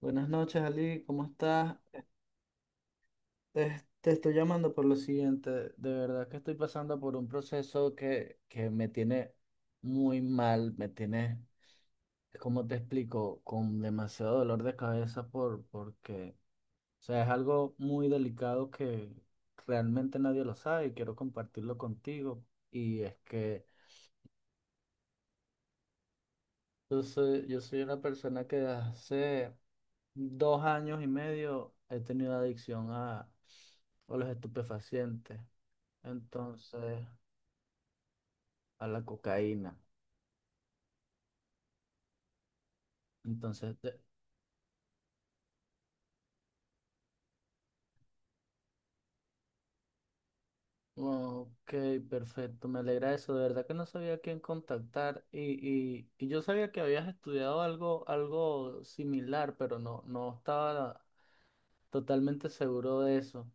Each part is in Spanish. Buenas noches, Ali, ¿cómo estás? Te estoy llamando por lo siguiente. De verdad que estoy pasando por un proceso que me tiene muy mal, me tiene, como te explico, con demasiado dolor de cabeza porque, o sea, es algo muy delicado que realmente nadie lo sabe y quiero compartirlo contigo. Y es que Yo soy una persona que hace 2 años y medio he tenido adicción a los estupefacientes, entonces a la cocaína. Entonces, ok, perfecto, me alegra eso. De verdad que no sabía a quién contactar y yo sabía que habías estudiado algo similar, pero no estaba totalmente seguro de eso.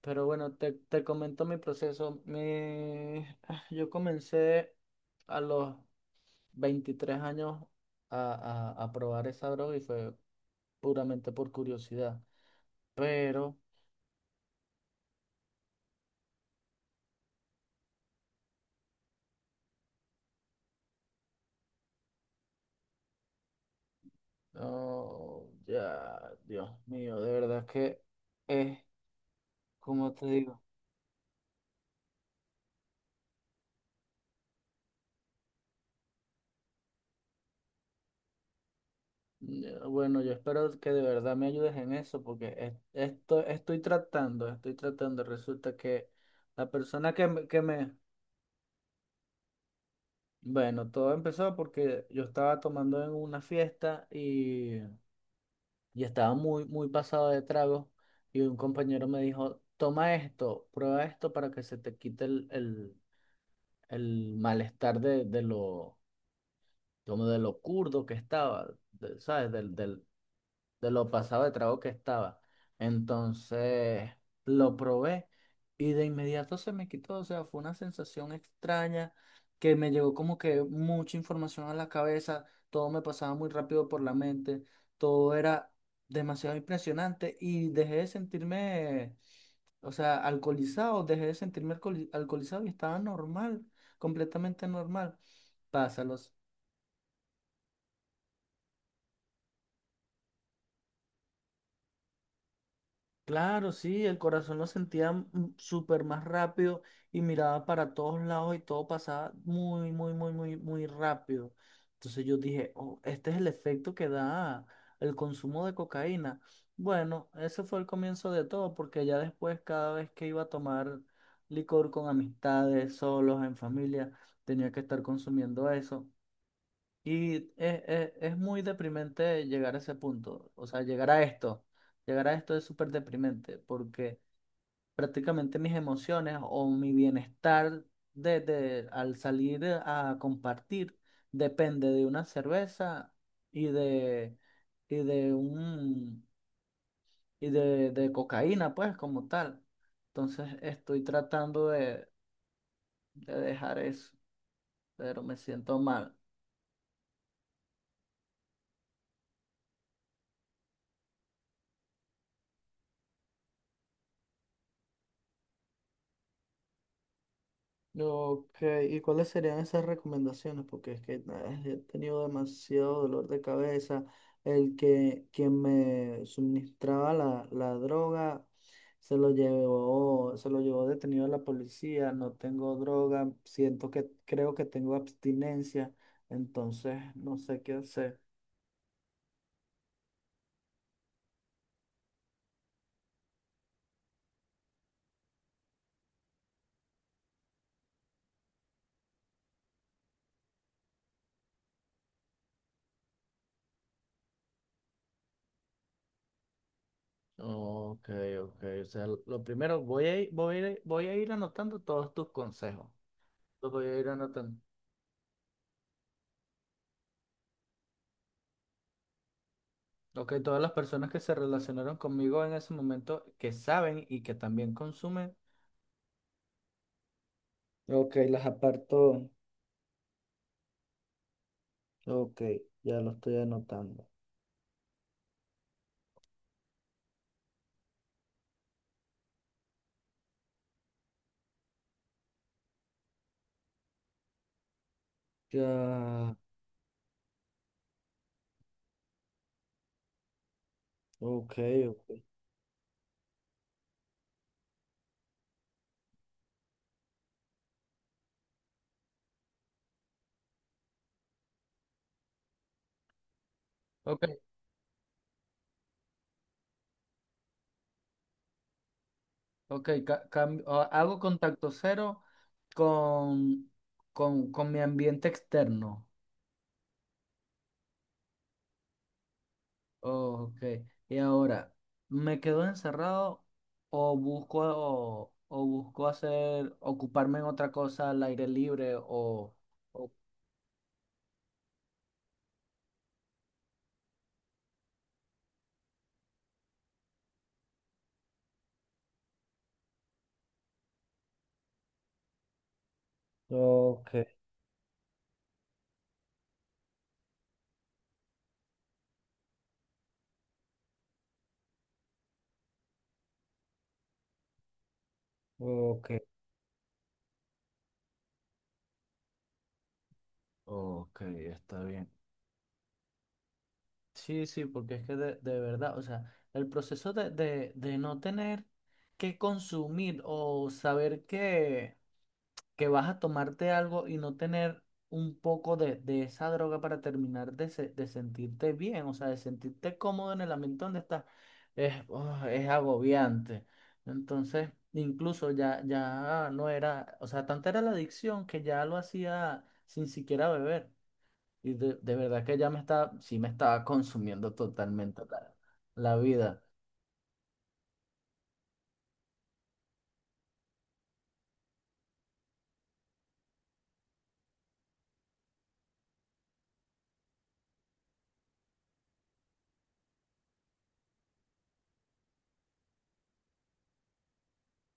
Pero bueno, te comento mi proceso. Yo comencé a los 23 años a probar esa droga y fue puramente por curiosidad. Pero, oh, ya, Dios mío, de verdad que es, como te digo. Ya, bueno, yo espero que de verdad me ayudes en eso porque esto, estoy tratando. Resulta que la persona que me, bueno, todo empezó porque yo estaba tomando en una fiesta y estaba muy, muy pasado de trago, y un compañero me dijo: "Toma esto, prueba esto para que se te quite el malestar de lo, como de lo curdo que estaba, ¿sabes? De lo pasado de trago que estaba." Entonces lo probé y de inmediato se me quitó. O sea, fue una sensación extraña, que me llegó como que mucha información a la cabeza. Todo me pasaba muy rápido por la mente. Todo era demasiado impresionante y dejé de sentirme, o sea, alcoholizado. Dejé de sentirme alcoholizado y estaba normal, completamente normal. Pásalos. Claro, sí, el corazón lo sentía súper más rápido, y miraba para todos lados y todo pasaba muy, muy, muy, muy, muy rápido. Entonces yo dije: "Oh, este es el efecto que da el consumo de cocaína." Bueno, ese fue el comienzo de todo, porque ya después, cada vez que iba a tomar licor con amistades, solos, en familia, tenía que estar consumiendo eso. Y es muy deprimente llegar a ese punto, o sea, llegar a esto. Llegar a esto es súper deprimente porque prácticamente mis emociones o mi bienestar de, al salir a compartir, depende de una cerveza y de, y de un, y de cocaína, pues, como tal. Entonces estoy tratando de dejar eso, pero me siento mal. Ok, ¿y cuáles serían esas recomendaciones? Porque es que he tenido demasiado dolor de cabeza. El que Quien me suministraba la droga, se lo llevó detenido la policía. No tengo droga, siento que creo que tengo abstinencia, entonces no sé qué hacer. Ok, ok. O sea, lo primero, voy a ir, voy a ir, voy a ir anotando todos tus consejos. Los voy a ir anotando. Ok, todas las personas que se relacionaron conmigo en ese momento, que saben y que también consumen. Ok, las aparto. Ok, ya lo estoy anotando. Ya, ok, ok. Ok, ok, hago contacto cero con, con mi ambiente externo. Ok, y ahora, ¿me quedo encerrado o busco hacer, ocuparme en otra cosa al aire libre, o- ok? Ok. Ok, está bien. Sí, sí, porque es que de verdad, o sea, el proceso de no tener que consumir o saber que vas a tomarte algo y no tener un poco de esa droga para terminar de sentirte bien, o sea, de sentirte cómodo en el ambiente donde estás, es agobiante. Entonces, incluso ya no era, o sea, tanta era la adicción que ya lo hacía sin siquiera beber. Y de verdad que sí me estaba consumiendo totalmente la vida.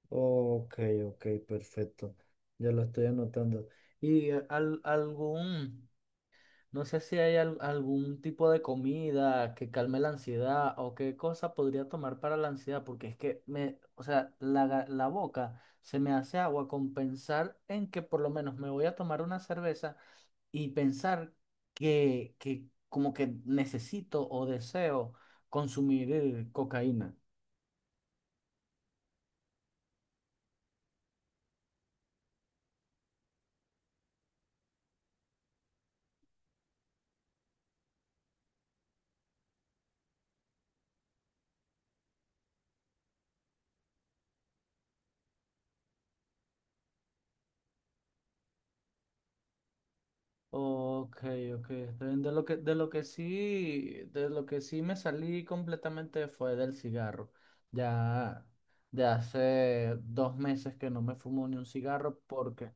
Ok, ok, perfecto. Ya lo estoy anotando. Y eh, al- algún, no sé si hay algún tipo de comida que calme la ansiedad, o qué cosa podría tomar para la ansiedad, porque es que me, o sea, la boca se me hace agua con pensar en que por lo menos me voy a tomar una cerveza, y pensar que como que necesito o deseo consumir cocaína. Ok, ok. De lo que sí me salí completamente fue del cigarro. Ya de hace 2 meses que no me fumo ni un cigarro porque...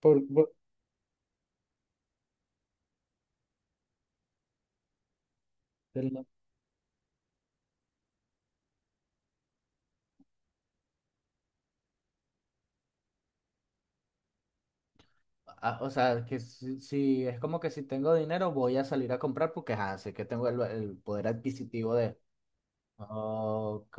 Por, por- del no- o sea, que si, es como que si tengo dinero voy a salir a comprar porque sé que tengo el poder adquisitivo de... Ok.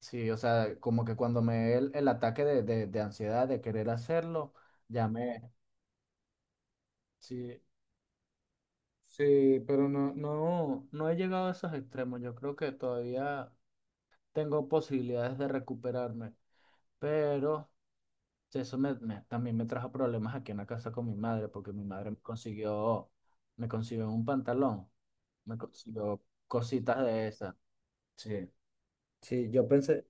Sí, o sea, como que cuando me dé el ataque de ansiedad de querer hacerlo, ya me... Sí, sí, pero no he llegado a esos extremos. Yo creo que todavía tengo posibilidades de recuperarme, pero eso también me trajo problemas aquí en la casa con mi madre, porque mi madre me consiguió un pantalón, me consiguió cositas de esas. Sí, sí, yo pensé...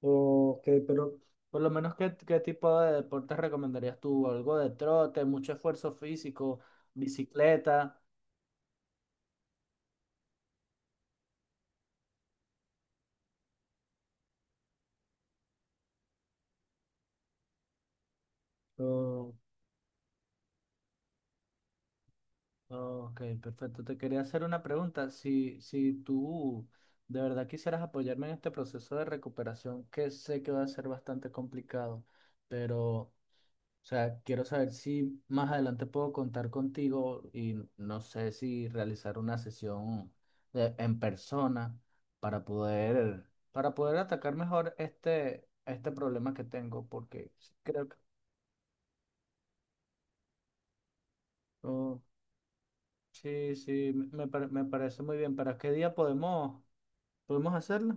Ok, pero por lo menos, ¿qué tipo de deportes recomendarías tú? ¿Algo de trote, mucho esfuerzo físico, bicicleta? Oh, oh, ok, perfecto. Te quería hacer una pregunta. Si tú de verdad quisieras apoyarme en este proceso de recuperación, que sé que va a ser bastante complicado, pero o sea, quiero saber si más adelante puedo contar contigo, y no sé si realizar una sesión en persona para poder, para poder, atacar mejor este problema que tengo, porque sí creo que... Oh, sí, sí, me parece muy bien. ¿Para qué día podemos hacerlo?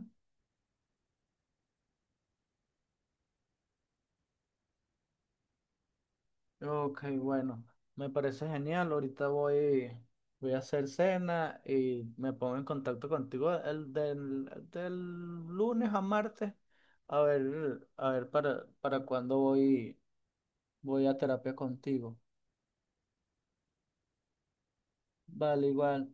Ok, bueno, me parece genial. Ahorita voy a hacer cena y me pongo en contacto contigo del lunes a martes a ver para cuándo voy a terapia contigo. Vale, igual.